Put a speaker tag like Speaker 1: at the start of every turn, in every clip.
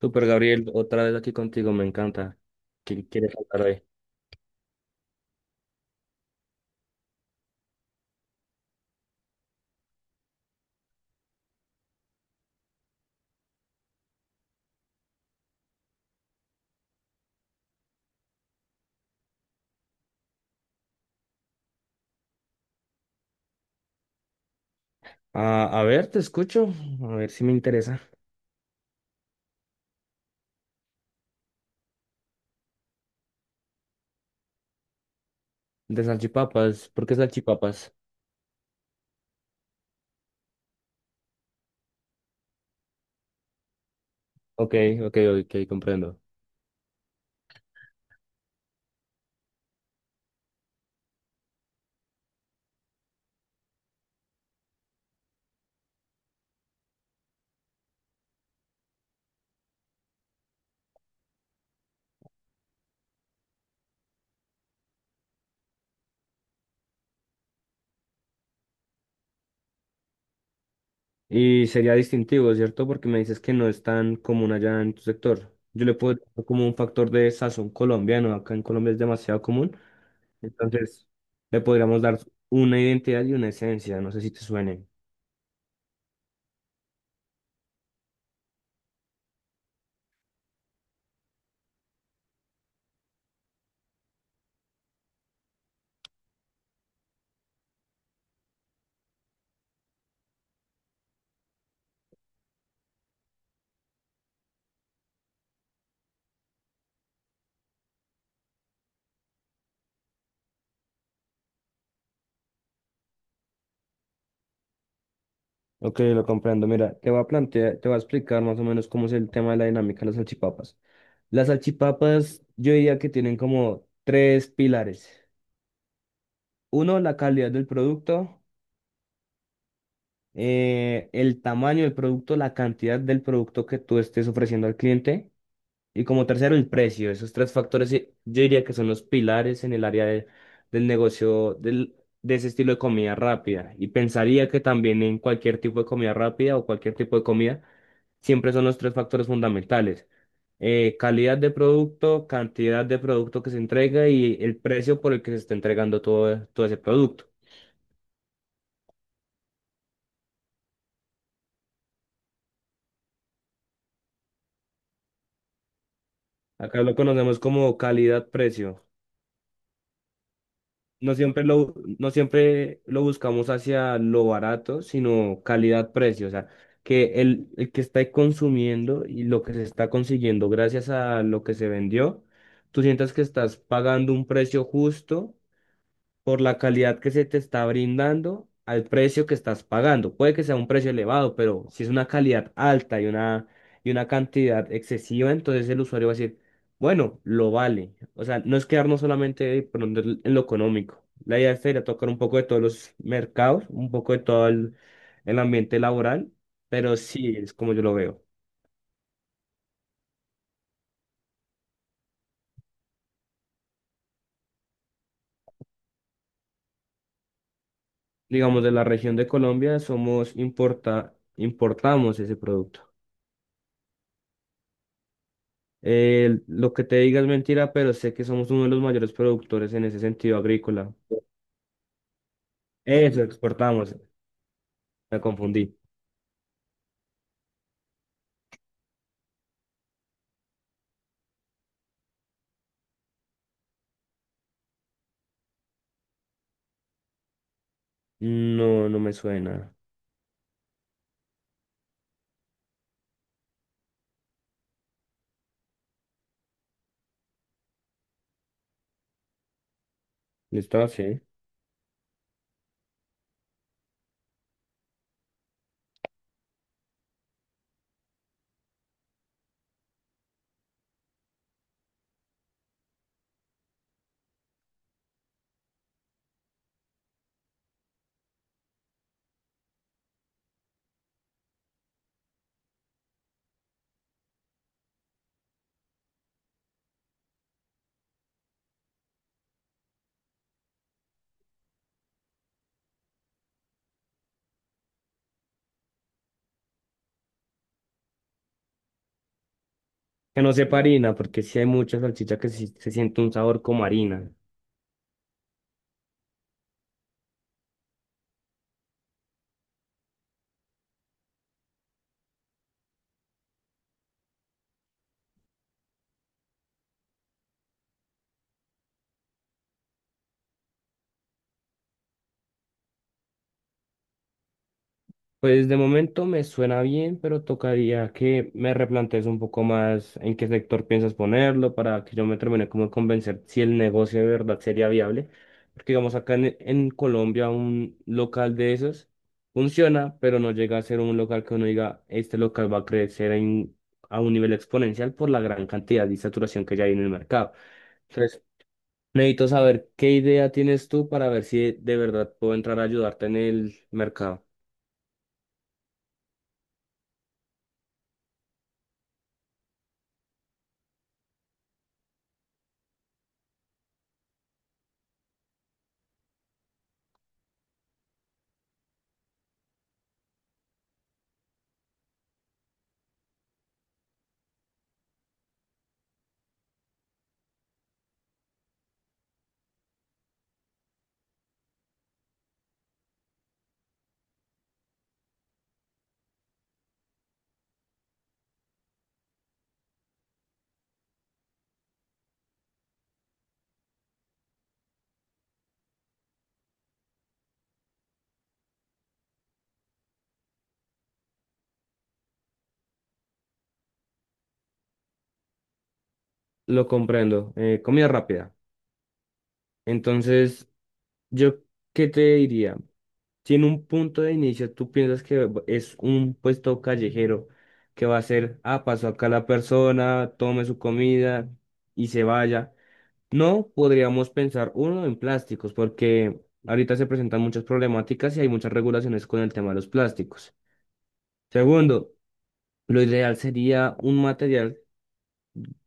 Speaker 1: Super Gabriel, otra vez aquí contigo, me encanta. ¿Qué quieres hablar hoy? Ah, a ver, te escucho, a ver si me interesa. De salchipapas, ¿por qué salchipapas? Ok, ok, ok, comprendo. Y sería distintivo, ¿cierto? Porque me dices que no es tan común allá en tu sector. Yo le puedo dar como un factor de sazón colombiano, acá en Colombia es demasiado común. Entonces, le podríamos dar una identidad y una esencia, no sé si te suenen. Ok, lo comprendo. Mira, te voy a plantear, te voy a explicar más o menos cómo es el tema de la dinámica de las salchipapas. Las salchipapas, yo diría que tienen como tres pilares. Uno, la calidad del producto, el tamaño del producto, la cantidad del producto que tú estés ofreciendo al cliente. Y como tercero, el precio. Esos tres factores yo diría que son los pilares en el área del negocio de ese estilo de comida rápida. Y pensaría que también en cualquier tipo de comida rápida o cualquier tipo de comida, siempre son los tres factores fundamentales. Calidad de producto, cantidad de producto que se entrega y el precio por el que se está entregando todo ese producto. Acá lo conocemos como calidad-precio. No siempre lo buscamos hacia lo barato, sino calidad-precio. O sea, que el que está consumiendo y lo que se está consiguiendo gracias a lo que se vendió, tú sientas que estás pagando un precio justo por la calidad que se te está brindando al precio que estás pagando. Puede que sea un precio elevado, pero si es una calidad alta y una cantidad excesiva, entonces el usuario va a decir, bueno, lo vale. O sea, no es quedarnos solamente de pronto en lo económico. La idea es ir a tocar un poco de todos los mercados, un poco de todo el ambiente laboral, pero sí es como yo lo veo. Digamos, de la región de Colombia importamos ese producto. Lo que te diga es mentira, pero sé que somos uno de los mayores productores en ese sentido agrícola. Eso, exportamos. Me confundí. No, no me suena. Listo, sí. Que no sepa harina, porque sí hay mucha salchicha que sí se siente un sabor como harina. Pues de momento me suena bien, pero tocaría que me replantees un poco más en qué sector piensas ponerlo para que yo me termine como de convencer si el negocio de verdad sería viable. Porque digamos acá en Colombia un local de esos funciona, pero no llega a ser un local que uno diga, este local va a crecer a un nivel exponencial por la gran cantidad de saturación que ya hay en el mercado. Entonces, necesito saber qué idea tienes tú para ver si de verdad puedo entrar a ayudarte en el mercado. Lo comprendo. Comida rápida. Entonces, ¿yo qué te diría? Si en un punto de inicio tú piensas que es un puesto callejero que va a ser, ah, pasó acá la persona, tome su comida y se vaya. No podríamos pensar, uno, en plásticos, porque ahorita se presentan muchas problemáticas y hay muchas regulaciones con el tema de los plásticos. Segundo, lo ideal sería un material,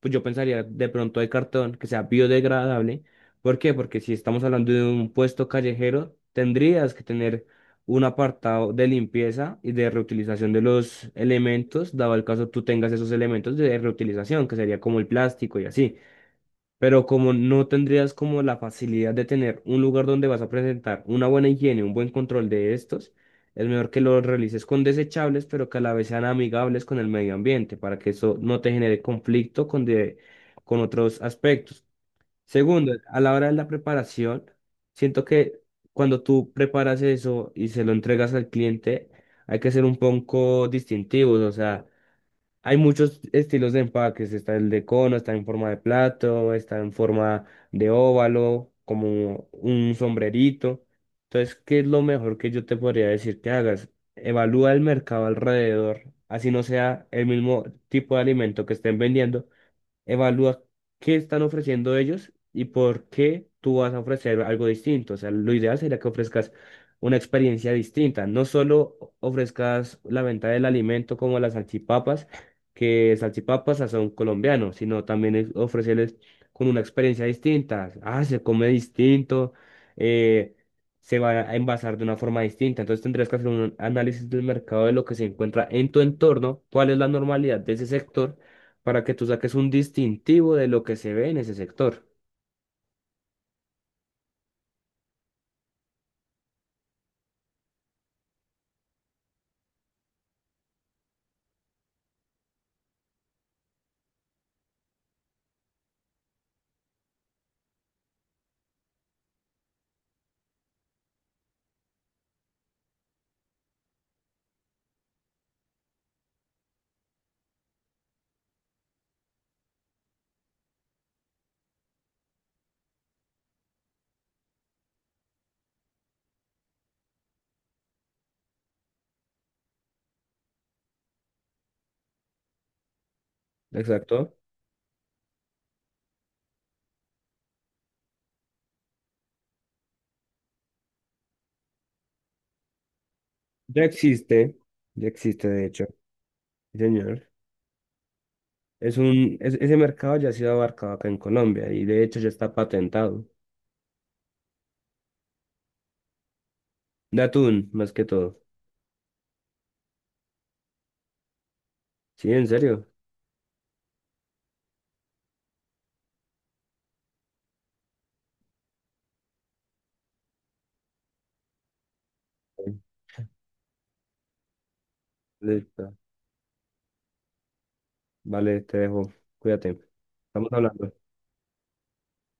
Speaker 1: pues yo pensaría de pronto de cartón que sea biodegradable. ¿Por qué? Porque si estamos hablando de un puesto callejero, tendrías que tener un apartado de limpieza y de reutilización de los elementos, dado el caso tú tengas esos elementos de reutilización, que sería como el plástico y así. Pero como no tendrías como la facilidad de tener un lugar donde vas a presentar una buena higiene, un buen control de estos, es mejor que lo realices con desechables, pero que a la vez sean amigables con el medio ambiente, para que eso no te genere conflicto con otros aspectos. Segundo, a la hora de la preparación, siento que cuando tú preparas eso y se lo entregas al cliente, hay que ser un poco distintivos, o sea... Hay muchos estilos de empaques, está el de cono, está en forma de plato, está en forma de óvalo, como un sombrerito. Entonces, ¿qué es lo mejor que yo te podría decir que hagas? Evalúa el mercado alrededor, así no sea el mismo tipo de alimento que estén vendiendo, evalúa qué están ofreciendo ellos y por qué tú vas a ofrecer algo distinto. O sea, lo ideal sería que ofrezcas una experiencia distinta. No solo ofrezcas la venta del alimento como las salchipapas, que salchipapas a son colombianos, sino también ofrecerles con una experiencia distinta. Ah, se come distinto, eh, se va a envasar de una forma distinta. Entonces tendrías que hacer un análisis del mercado de lo que se encuentra en tu entorno, cuál es la normalidad de ese sector para que tú saques un distintivo de lo que se ve en ese sector. Exacto. Ya existe, ya existe de hecho, sí, señor. Es ese mercado ya ha sido abarcado acá en Colombia y de hecho ya está patentado. De atún, más que todo. Sí, en serio. Sí, listo. Vale, te dejo. Cuídate. Estamos hablando.